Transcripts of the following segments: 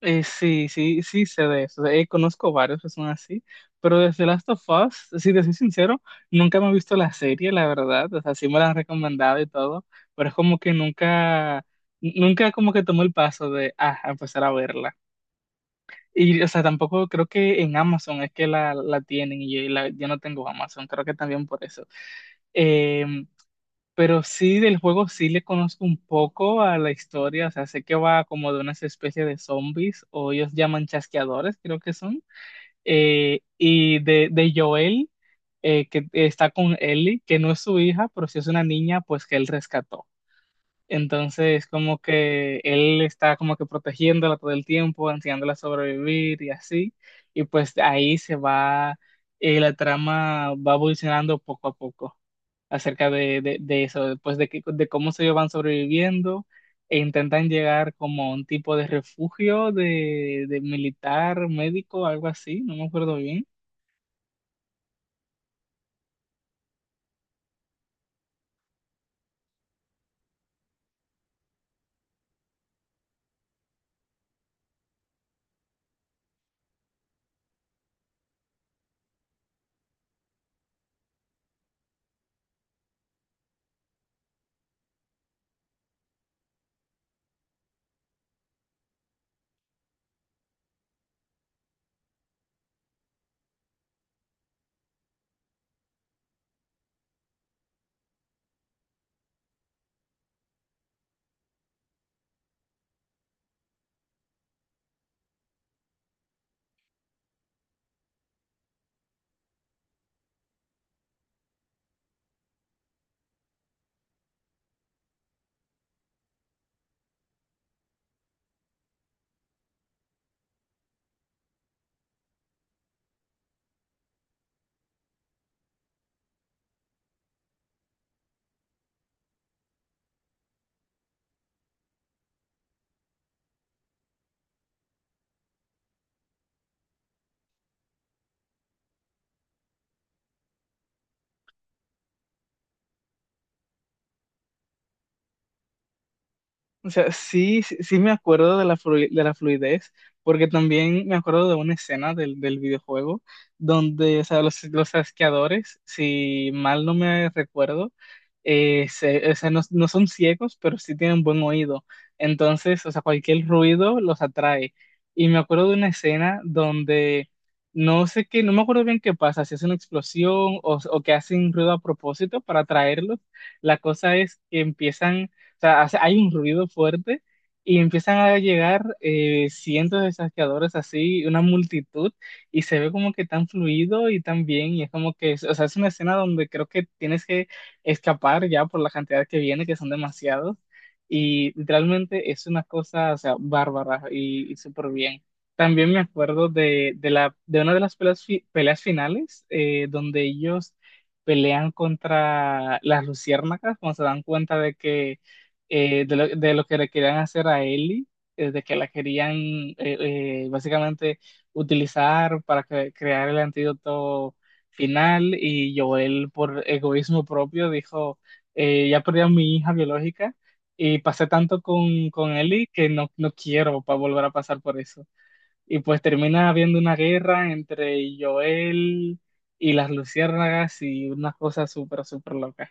Sí, sí, sí sé de eso. Conozco varios que son así, pero desde Last of Us, si te soy sincero, nunca me he visto la serie, la verdad. O sea, sí me la han recomendado y todo, pero es como que nunca como que tomé el paso de, ah, a empezar a verla. Y, o sea, tampoco creo que en Amazon es que la tienen y yo, yo no tengo Amazon, creo que también por eso. Em, pero sí, del juego sí le conozco un poco a la historia, o sea, sé que va como de unas especies de zombies, o ellos llaman chasqueadores, creo que son, y de Joel, que está con Ellie, que no es su hija, pero sí es una niña, pues que él rescató. Entonces, como que él está como que protegiéndola todo el tiempo, enseñándola a sobrevivir y así, y pues ahí se va, la trama va evolucionando poco a poco acerca de eso, pues de cómo ellos van sobreviviendo e intentan llegar como a un tipo de refugio de militar, médico, algo así, no me acuerdo bien. O sea, sí, sí, sí me acuerdo de de la fluidez, porque también me acuerdo de una escena del videojuego donde, o sea, los asqueadores, si mal no me recuerdo, o sea, no, no son ciegos, pero sí tienen buen oído. Entonces, o sea, cualquier ruido los atrae. Y me acuerdo de una escena donde no sé qué, no me acuerdo bien qué pasa, si es una explosión o que hacen ruido a propósito para atraerlos. La cosa es que empiezan, o sea, hay un ruido fuerte y empiezan a llegar cientos de saqueadores así, una multitud, y se ve como que tan fluido y tan bien, y es como que, o sea, es una escena donde creo que tienes que escapar ya por la cantidad que viene, que son demasiados, y literalmente es una cosa, o sea, bárbara y súper bien. También me acuerdo de una de las peleas, peleas finales, donde ellos pelean contra las luciérnagas, cuando se dan cuenta de que de lo que le querían hacer a Ellie, de que la querían básicamente utilizar para crear el antídoto final. Y Joel por egoísmo propio dijo, ya perdí a mi hija biológica y pasé tanto con Ellie que no, no quiero volver a pasar por eso. Y pues termina habiendo una guerra entre Joel y las luciérnagas y unas cosas súper, súper locas.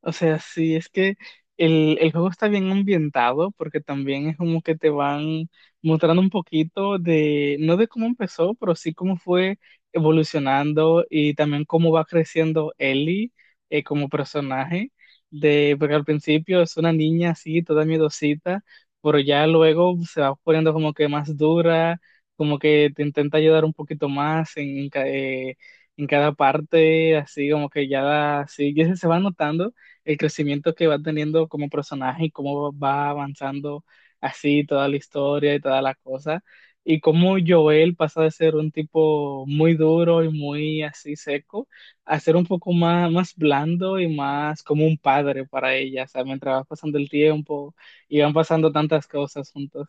O sea, sí, es que el juego está bien ambientado porque también es como que te van mostrando un poquito de, no de cómo empezó, pero sí cómo fue evolucionando y también cómo va creciendo Ellie, como personaje, de, porque al principio es una niña así, toda miedosita, pero ya luego se va poniendo como que más dura, como que te intenta ayudar un poquito más en cada parte, así como que ya, así, y eso se va notando el crecimiento que va teniendo como personaje y cómo va avanzando así toda la historia y toda la cosa. Y cómo Joel pasa de ser un tipo muy duro y muy así seco a ser un poco más, más blando y más como un padre para ella. O sea, mientras va pasando el tiempo y van pasando tantas cosas juntos.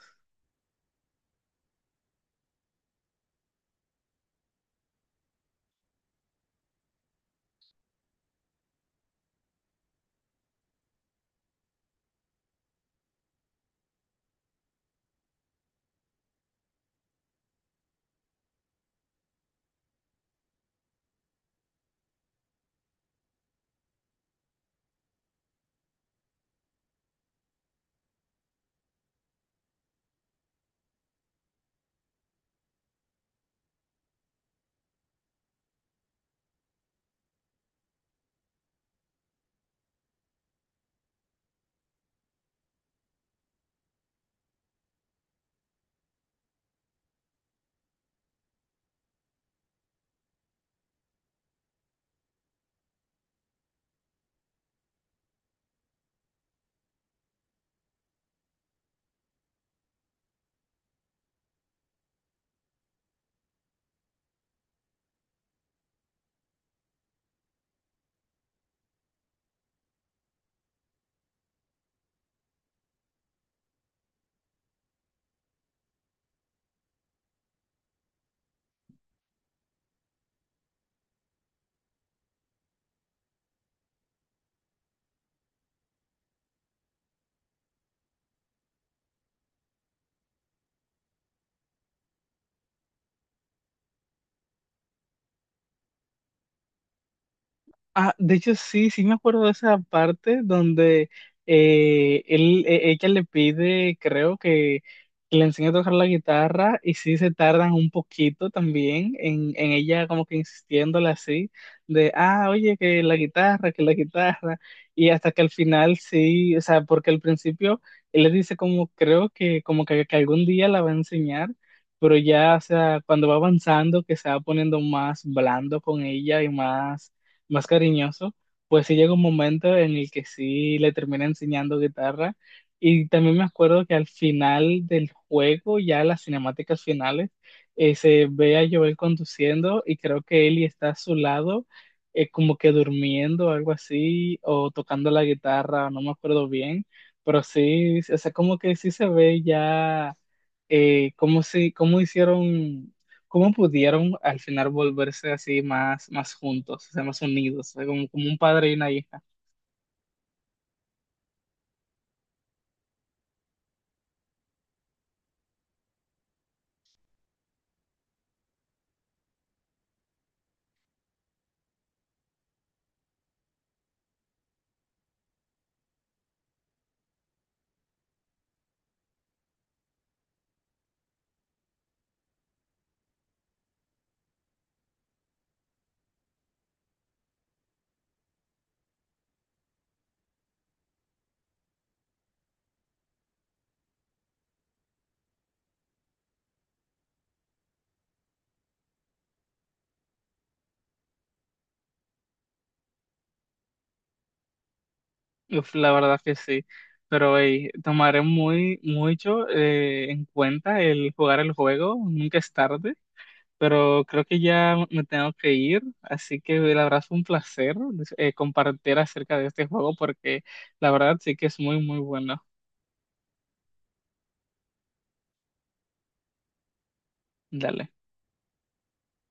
Ah, de hecho sí, sí me acuerdo de esa parte donde ella le pide, creo que le enseñe a tocar la guitarra y sí se tardan un poquito también en ella como que insistiéndole así, de, ah, oye, que la guitarra, y hasta que al final sí, o sea, porque al principio él le dice como, creo que como que algún día la va a enseñar. Pero ya, o sea, cuando va avanzando, que se va poniendo más blando con ella y más cariñoso, pues sí llega un momento en el que sí le termina enseñando guitarra. Y también me acuerdo que al final del juego, ya las cinemáticas finales, se ve a Joel conduciendo y creo que Ellie está a su lado, como que durmiendo, algo así, o tocando la guitarra, no me acuerdo bien, pero sí, o sea, como que sí se ve ya cómo, si, ¿cómo hicieron, cómo pudieron al final volverse así más, más juntos, o sea, más unidos, o sea, como, como un padre y una hija? Uf, la verdad que sí. Pero hey, tomaré muy mucho en cuenta el jugar el juego, nunca es tarde, pero creo que ya me tengo que ir, así que la verdad fue un placer compartir acerca de este juego porque la verdad sí que es muy, muy bueno. Dale.